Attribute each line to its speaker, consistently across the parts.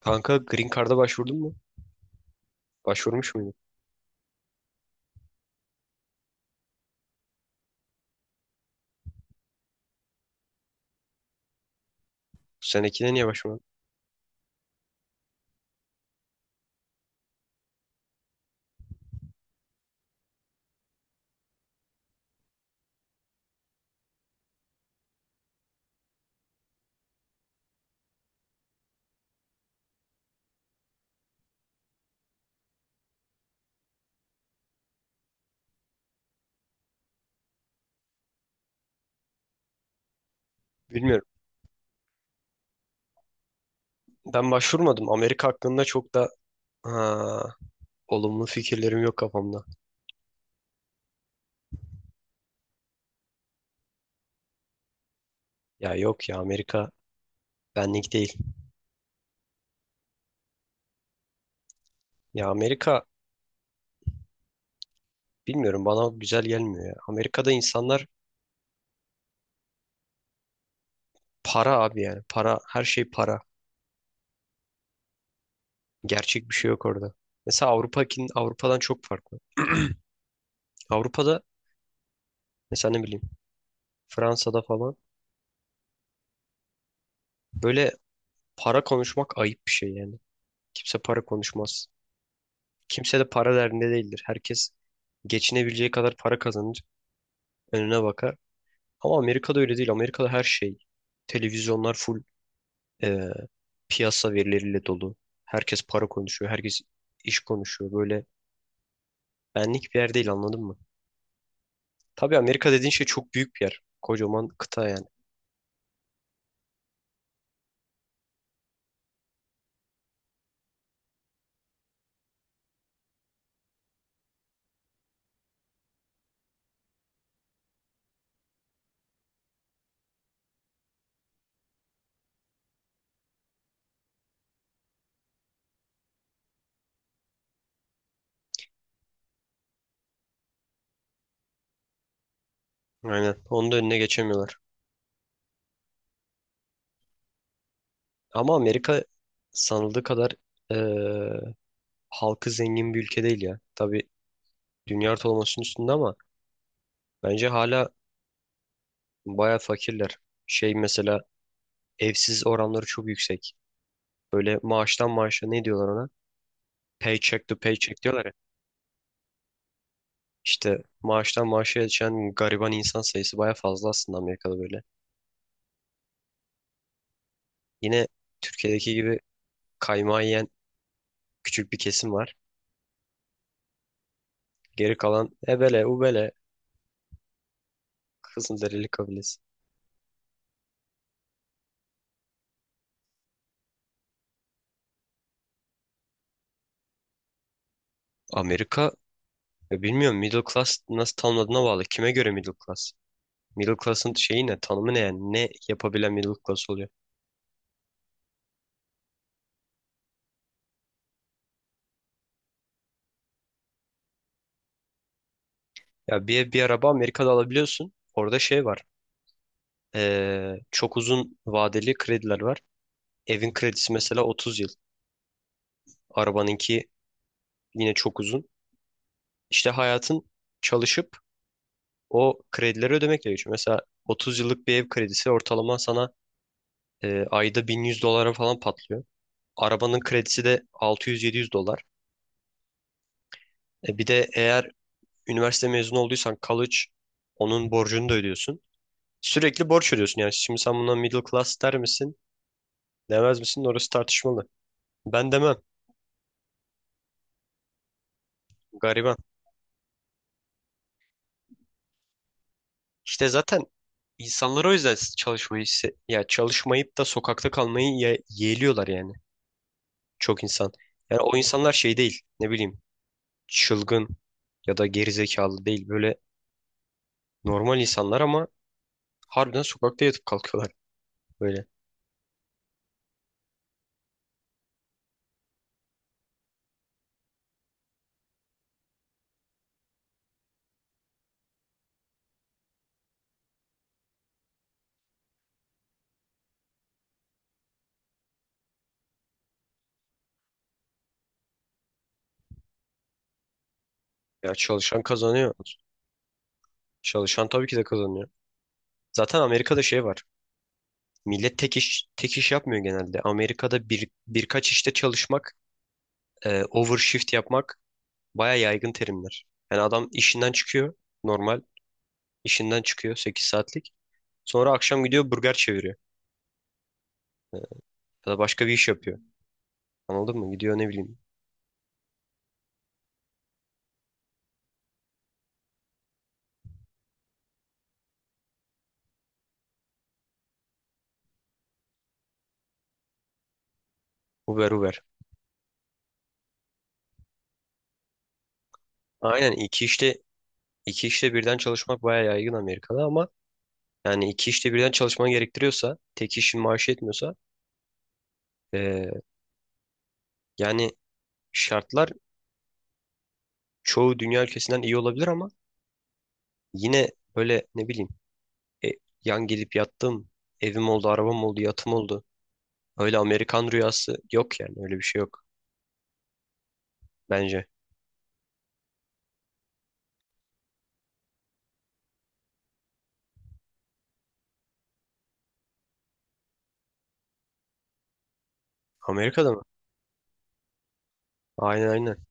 Speaker 1: Kanka Green Card'a başvurdun mu? Başvurmuş muydun? Bu senekine niye başvurmadın? Bilmiyorum. Ben başvurmadım. Amerika hakkında çok da ha, olumlu fikirlerim yok kafamda. Ya yok ya Amerika benlik değil. Ya Amerika bilmiyorum bana güzel gelmiyor ya. Amerika'da insanlar para abi yani. Para her şey para. Gerçek bir şey yok orada. Mesela Avrupa'dan çok farklı. Avrupa'da mesela ne bileyim Fransa'da falan böyle para konuşmak ayıp bir şey yani. Kimse para konuşmaz. Kimse de para derdinde değildir. Herkes geçinebileceği kadar para kazanır, önüne bakar. Ama Amerika'da öyle değil. Amerika'da her şey, televizyonlar full e, piyasa verileriyle dolu. Herkes para konuşuyor, herkes iş konuşuyor. Böyle benlik bir yer değil anladın mı? Tabii Amerika dediğin şey çok büyük bir yer. Kocaman kıta yani. Aynen. Onun da önüne geçemiyorlar. Ama Amerika sanıldığı kadar e, halkı zengin bir ülke değil ya. Tabii dünya ortalamasının üstünde ama bence hala baya fakirler. Şey mesela evsiz oranları çok yüksek. Böyle maaştan maaşa ne diyorlar ona? Paycheck to paycheck diyorlar ya. İşte maaştan maaşa geçen gariban insan sayısı baya fazla aslında Amerika'da böyle. Yine Türkiye'deki gibi kaymağı yiyen küçük bir kesim var. Geri kalan ebele ubele Kızılderili kabilesi. Amerika, ya bilmiyorum, middle class nasıl tanımladığına bağlı. Kime göre middle class? Middle class'ın şeyi ne? Tanımı ne yani? Ne yapabilen middle class oluyor? Ya bir ev bir araba Amerika'da alabiliyorsun. Orada şey var. Çok uzun vadeli krediler var. Evin kredisi mesela 30 yıl. Arabanınki yine çok uzun. İşte hayatın çalışıp o kredileri ödemekle geçiyor. Mesela 30 yıllık bir ev kredisi ortalama sana ayda 1100 dolara falan patlıyor. Arabanın kredisi de 600-700 dolar. Bir de eğer üniversite mezunu olduysan college, onun borcunu da ödüyorsun. Sürekli borç ödüyorsun yani. Şimdi sen buna middle class der misin? Demez misin? Orası tartışmalı. Ben demem. Gariban. İşte zaten insanlar o yüzden çalışmayı ya çalışmayıp da sokakta kalmayı yeğliyorlar yani, çok insan. Yani o insanlar şey değil, ne bileyim, çılgın ya da gerizekalı değil, böyle normal insanlar ama harbiden sokakta yatıp kalkıyorlar böyle. Ya çalışan kazanıyor. Çalışan tabii ki de kazanıyor. Zaten Amerika'da şey var. Millet tek iş tek iş yapmıyor genelde. Amerika'da birkaç işte çalışmak, overshift yapmak baya yaygın terimler. Yani adam işinden çıkıyor normal, İşinden çıkıyor 8 saatlik. Sonra akşam gidiyor burger çeviriyor. Ee, Ya da başka bir iş yapıyor. Anladın mı? Gidiyor ne bileyim, Uber Uber. Aynen, iki işte birden çalışmak bayağı yaygın Amerika'da ama yani iki işte birden çalışman gerektiriyorsa, tek işin maaşı yetmiyorsa, ee, yani şartlar çoğu dünya ülkesinden iyi olabilir ama yine böyle ne bileyim, e, yan gelip yattım, evim oldu, arabam oldu, yatım oldu. Öyle Amerikan rüyası yok yani, öyle bir şey yok bence. Amerika'da mı? Aynen, aynen.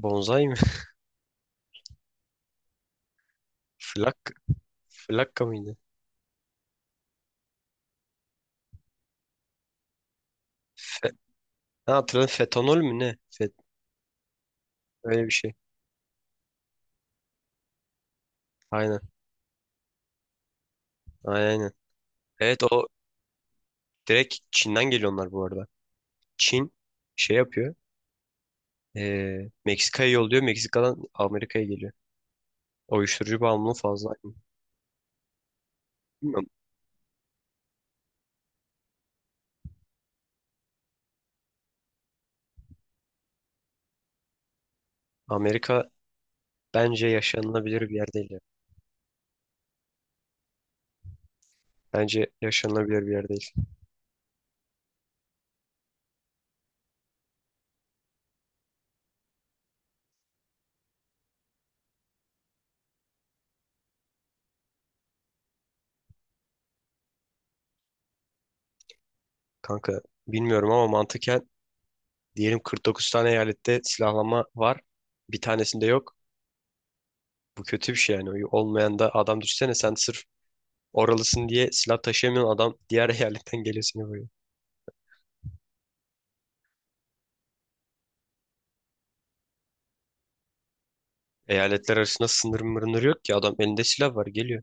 Speaker 1: Bonzai. Flak, flakka mıydı? Fe, ha, hatırladım, fetanol mü ne? Öyle bir şey. Aynen. Aynen, aynen. Evet, o direkt Çin'den geliyor onlar, bu arada. Çin şey yapıyor, Meksika'ya yolluyor. Meksika'dan Amerika'ya geliyor. O uyuşturucu bağımlılığı fazla. Bilmiyorum. Amerika bence yaşanılabilir bir yer değil ya. Bence yaşanılabilir bir yer değil. Kanka bilmiyorum ama mantıken diyelim 49 tane eyalette silahlanma var. Bir tanesinde yok. Bu kötü bir şey yani. Olmayan da adam, düşsene sen, sırf oralısın diye silah taşıyamayan adam diğer eyaletten geliyor seni vuruyor. Eyaletler arasında sınır mırınır yok ki, adam elinde silah var geliyor.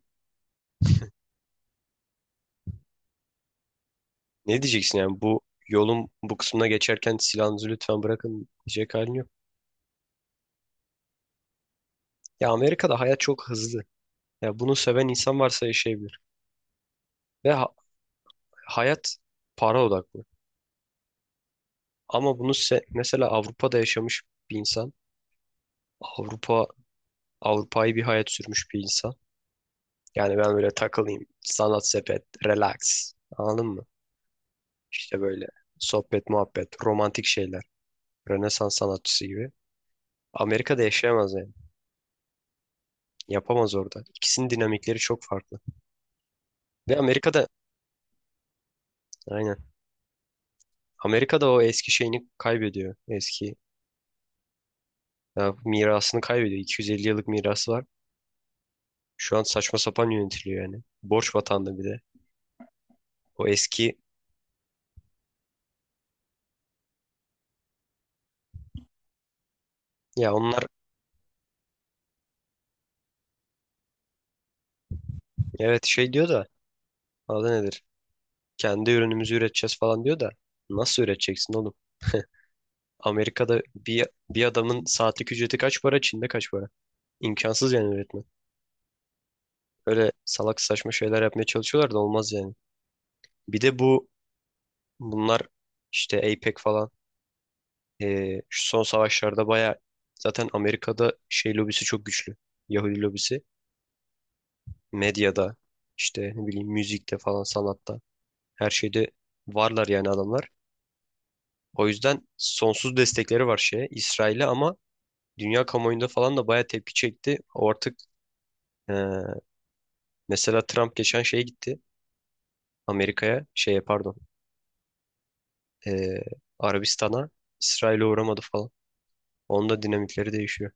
Speaker 1: Ne diyeceksin yani, bu yolun bu kısmına geçerken silahınızı lütfen bırakın diyecek halin yok. Ya Amerika'da hayat çok hızlı. Ya bunu seven insan varsa yaşayabilir. Ve hayat para odaklı. Ama bunu mesela Avrupa'da yaşamış bir insan, Avrupa Avrupa'yı bir hayat sürmüş bir insan. Yani ben böyle takılayım, sanat sepet, relax. Anladın mı? İşte böyle sohbet, muhabbet, romantik şeyler. Rönesans sanatçısı gibi. Amerika'da yaşayamaz yani. Yapamaz orada. İkisinin dinamikleri çok farklı. Ve Amerika'da, aynen. Amerika'da o eski şeyini kaybediyor. Eski, ya, mirasını kaybediyor. 250 yıllık mirası var. Şu an saçma sapan yönetiliyor yani. Borç vatanda bir de. O eski, ya onlar, evet, şey diyor da adı nedir? Kendi ürünümüzü üreteceğiz falan diyor da nasıl üreteceksin oğlum? Amerika'da bir adamın saatlik ücreti kaç para? Çin'de kaç para? İmkansız yani öğretmen. Öyle salak saçma şeyler yapmaya çalışıyorlar da olmaz yani. Bir de bunlar işte APEC falan, şu son savaşlarda baya, zaten Amerika'da şey lobisi çok güçlü. Yahudi lobisi. Medyada işte ne bileyim, müzikte falan, sanatta, her şeyde varlar yani adamlar. O yüzden sonsuz destekleri var şeye, İsrail'e ama dünya kamuoyunda falan da baya tepki çekti. O artık, eee, mesela Trump geçen şeye gitti. Amerika'ya, şeye pardon, e, Arabistan'a, İsrail'e uğramadı falan. Onun da dinamikleri değişiyor.